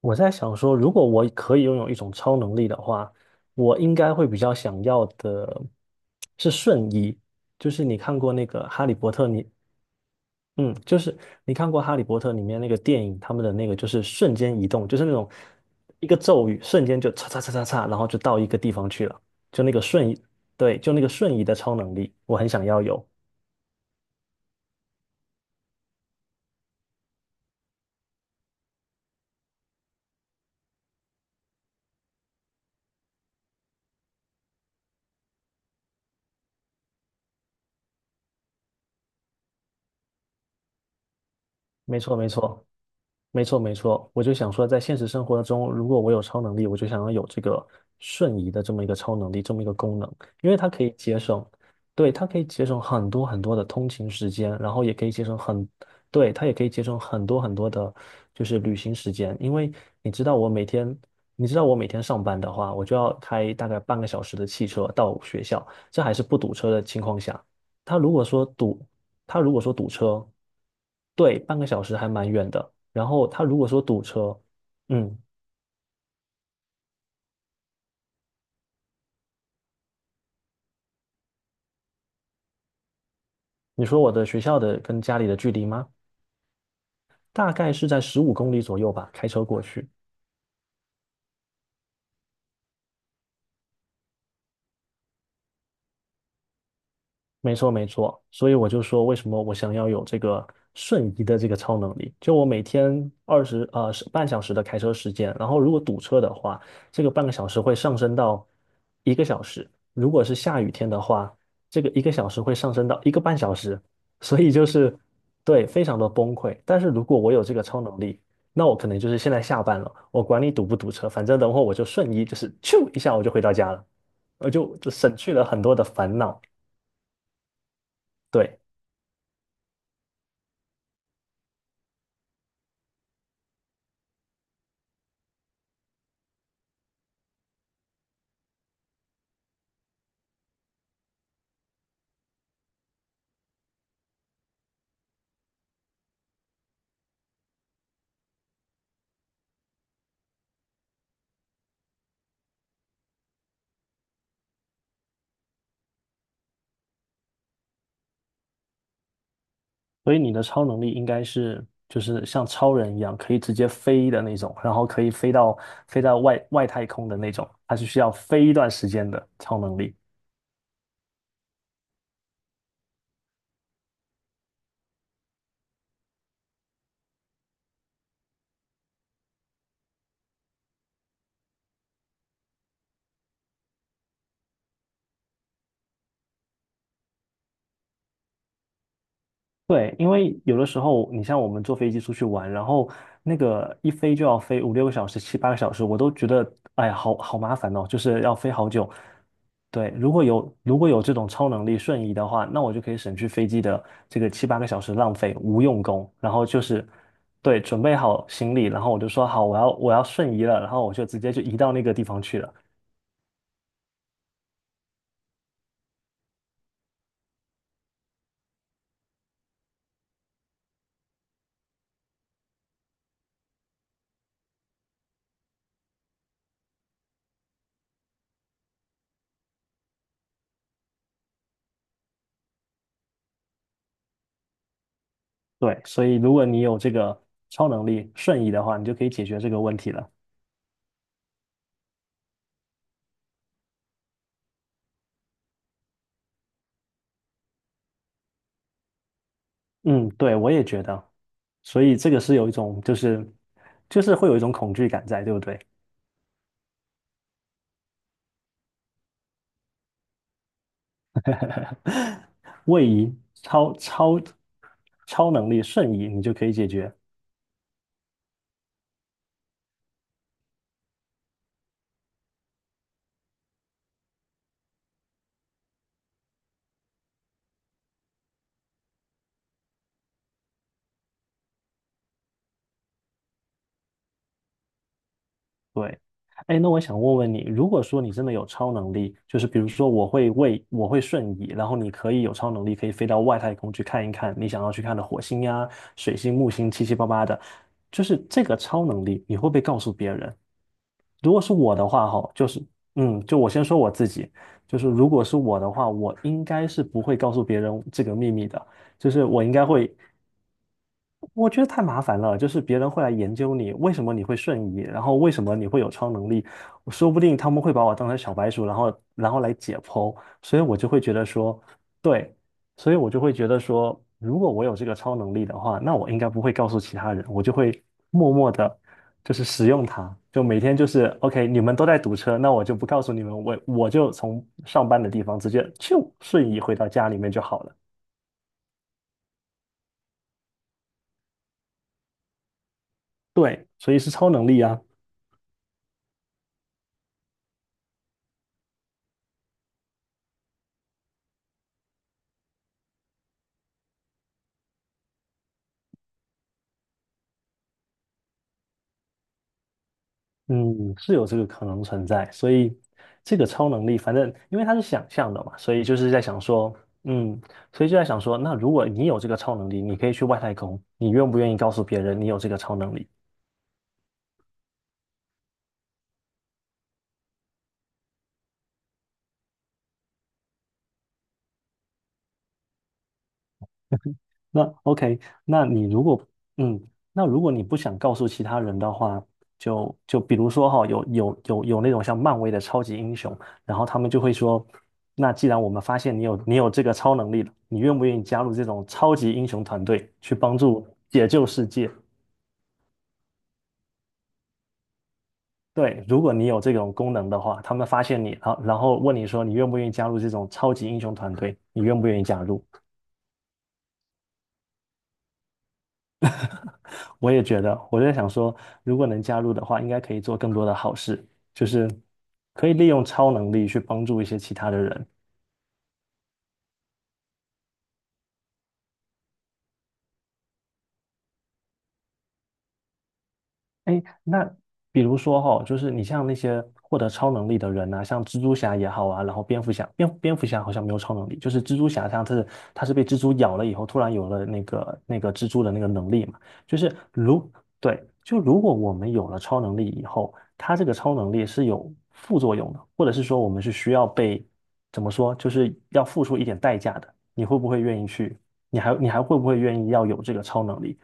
我在想说，如果我可以拥有一种超能力的话，我应该会比较想要的是瞬移。就是你看过那个《哈利波特》你，嗯，就是你看过《哈利波特》里面那个电影，他们的那个就是瞬间移动，就是那种一个咒语，瞬间就嚓嚓嚓嚓嚓，然后就到一个地方去了，就那个瞬移，对，就那个瞬移的超能力，我很想要有。没错，没错，没错，没错。我就想说，在现实生活中，如果我有超能力，我就想要有这个瞬移的这么一个超能力，这么一个功能，因为它可以节省，对，它可以节省很多很多的通勤时间，然后也可以节省很，对，它也可以节省很多很多的，就是旅行时间。因为你知道，我每天，你知道我每天上班的话，我就要开大概半个小时的汽车到学校，这还是不堵车的情况下。它如果说堵他如果说堵车，对，半个小时还蛮远的。然后他如果说堵车，嗯，你说我的学校的跟家里的距离吗？大概是在15公里左右吧，开车过去。没错，没错，所以我就说，为什么我想要有这个瞬移的这个超能力？就我每天是半小时的开车时间，然后如果堵车的话，这个半个小时会上升到一个小时；如果是下雨天的话，这个一个小时会上升到一个半小时。所以就是对，非常的崩溃。但是如果我有这个超能力，那我可能就是现在下班了，我管你堵不堵车，反正等会儿我就瞬移，就是咻一下我就回到家了，我就省去了很多的烦恼。对。所以你的超能力应该是就是像超人一样，可以直接飞的那种，然后可以飞到外太空的那种，它是需要飞一段时间的超能力。对，因为有的时候你像我们坐飞机出去玩，然后那个一飞就要飞五六个小时、七八个小时，我都觉得哎呀，好好麻烦哦，就是要飞好久。对，如果有这种超能力瞬移的话，那我就可以省去飞机的这个七八个小时浪费无用功，然后就是，对，准备好行李，然后我就说好，我要瞬移了，然后我就直接就移到那个地方去了。对，所以如果你有这个超能力瞬移的话，你就可以解决这个问题了。嗯，对，我也觉得。所以这个是有一种就是会有一种恐惧感在，对不对？位移、超超超能力、瞬移，你就可以解决。对，哎，那我想问问你，如果说你真的有超能力，就是比如说我会瞬移，然后你可以有超能力，可以飞到外太空去看一看你想要去看的火星呀、水星、木星，七七八八的，就是这个超能力，你会不会告诉别人？如果是我的话，哈，就我先说我自己，就是如果是我的话，我应该是不会告诉别人这个秘密的，就是我应该会我觉得太麻烦了，就是别人会来研究你，为什么你会瞬移，然后为什么你会有超能力，我说不定他们会把我当成小白鼠，然后来解剖，所以我就会觉得说，对，所以我就会觉得说，如果我有这个超能力的话，那我应该不会告诉其他人，我就会默默的，就是使用它，就每天就是 OK，你们都在堵车，那我就不告诉你们，我就从上班的地方直接就瞬移回到家里面就好了，对，所以是超能力啊。嗯，是有这个可能存在，所以这个超能力，反正因为它是想象的嘛，所以就是在想说，嗯，所以就在想说，那如果你有这个超能力，你可以去外太空，你愿不愿意告诉别人你有这个超能力？那 OK，那你如果嗯，那如果你不想告诉其他人的话，就比如说哈、有那种像漫威的超级英雄，然后他们就会说，那既然我们发现你有这个超能力了，你愿不愿意加入这种超级英雄团队去帮助解救世界？对，如果你有这种功能的话，他们发现你，然后问你说你愿不愿意加入这种超级英雄团队，你愿不愿意加入？我也觉得，我就在想说，如果能加入的话，应该可以做更多的好事，就是可以利用超能力去帮助一些其他的人。哎，那比如说哈、就是你像那些获得超能力的人呐、像蜘蛛侠也好啊，然后蝙蝠侠，蝙蝠侠好像没有超能力，就是蜘蛛侠他是被蜘蛛咬了以后，突然有了那个蜘蛛的那个能力嘛，就是如对，就如果我们有了超能力以后，他这个超能力是有副作用的，或者是说我们是需要被怎么说，就是要付出一点代价的，你会不会愿意去？你还会不会愿意要有这个超能力？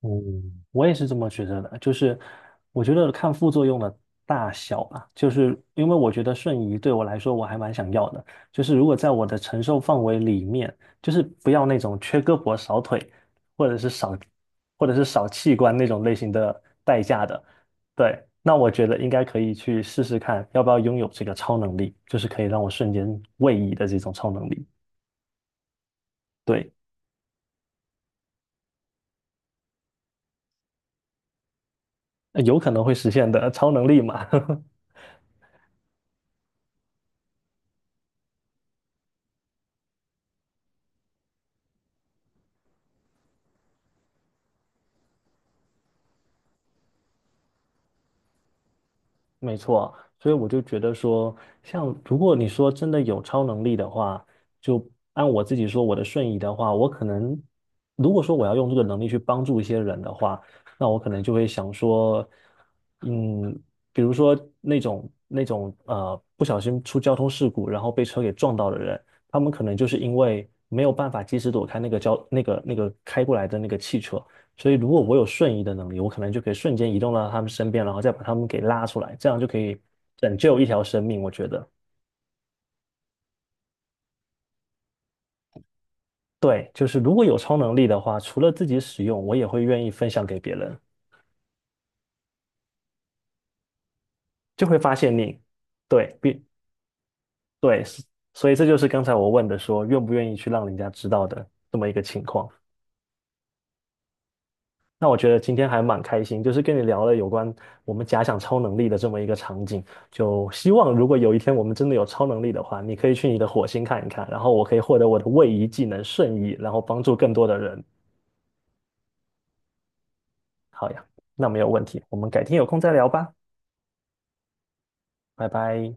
嗯，我也是这么觉得的，就是我觉得看副作用的大小吧，就是因为我觉得瞬移对我来说我还蛮想要的，就是如果在我的承受范围里面，就是不要那种缺胳膊少腿，或者是少或者是少器官那种类型的代价的，对，那我觉得应该可以去试试看，要不要拥有这个超能力，就是可以让我瞬间位移的这种超能力，对，有可能会实现的超能力嘛。没错，所以我就觉得说，像如果你说真的有超能力的话，就按我自己说我的瞬移的话，我可能如果说我要用这个能力去帮助一些人的话，那我可能就会想说，嗯，比如说那种不小心出交通事故，然后被车给撞到的人，他们可能就是因为没有办法及时躲开那个开过来的那个汽车，所以如果我有瞬移的能力，我可能就可以瞬间移动到他们身边，然后再把他们给拉出来，这样就可以拯救一条生命。我觉得，对，就是如果有超能力的话，除了自己使用，我也会愿意分享给别人，就会发现你，对，对，所以这就是刚才我问的说，愿不愿意去让人家知道的这么一个情况。那我觉得今天还蛮开心，就是跟你聊了有关我们假想超能力的这么一个场景。就希望如果有一天我们真的有超能力的话，你可以去你的火星看一看，然后我可以获得我的位移技能瞬移，然后帮助更多的人。好呀，那没有问题，我们改天有空再聊吧，拜拜。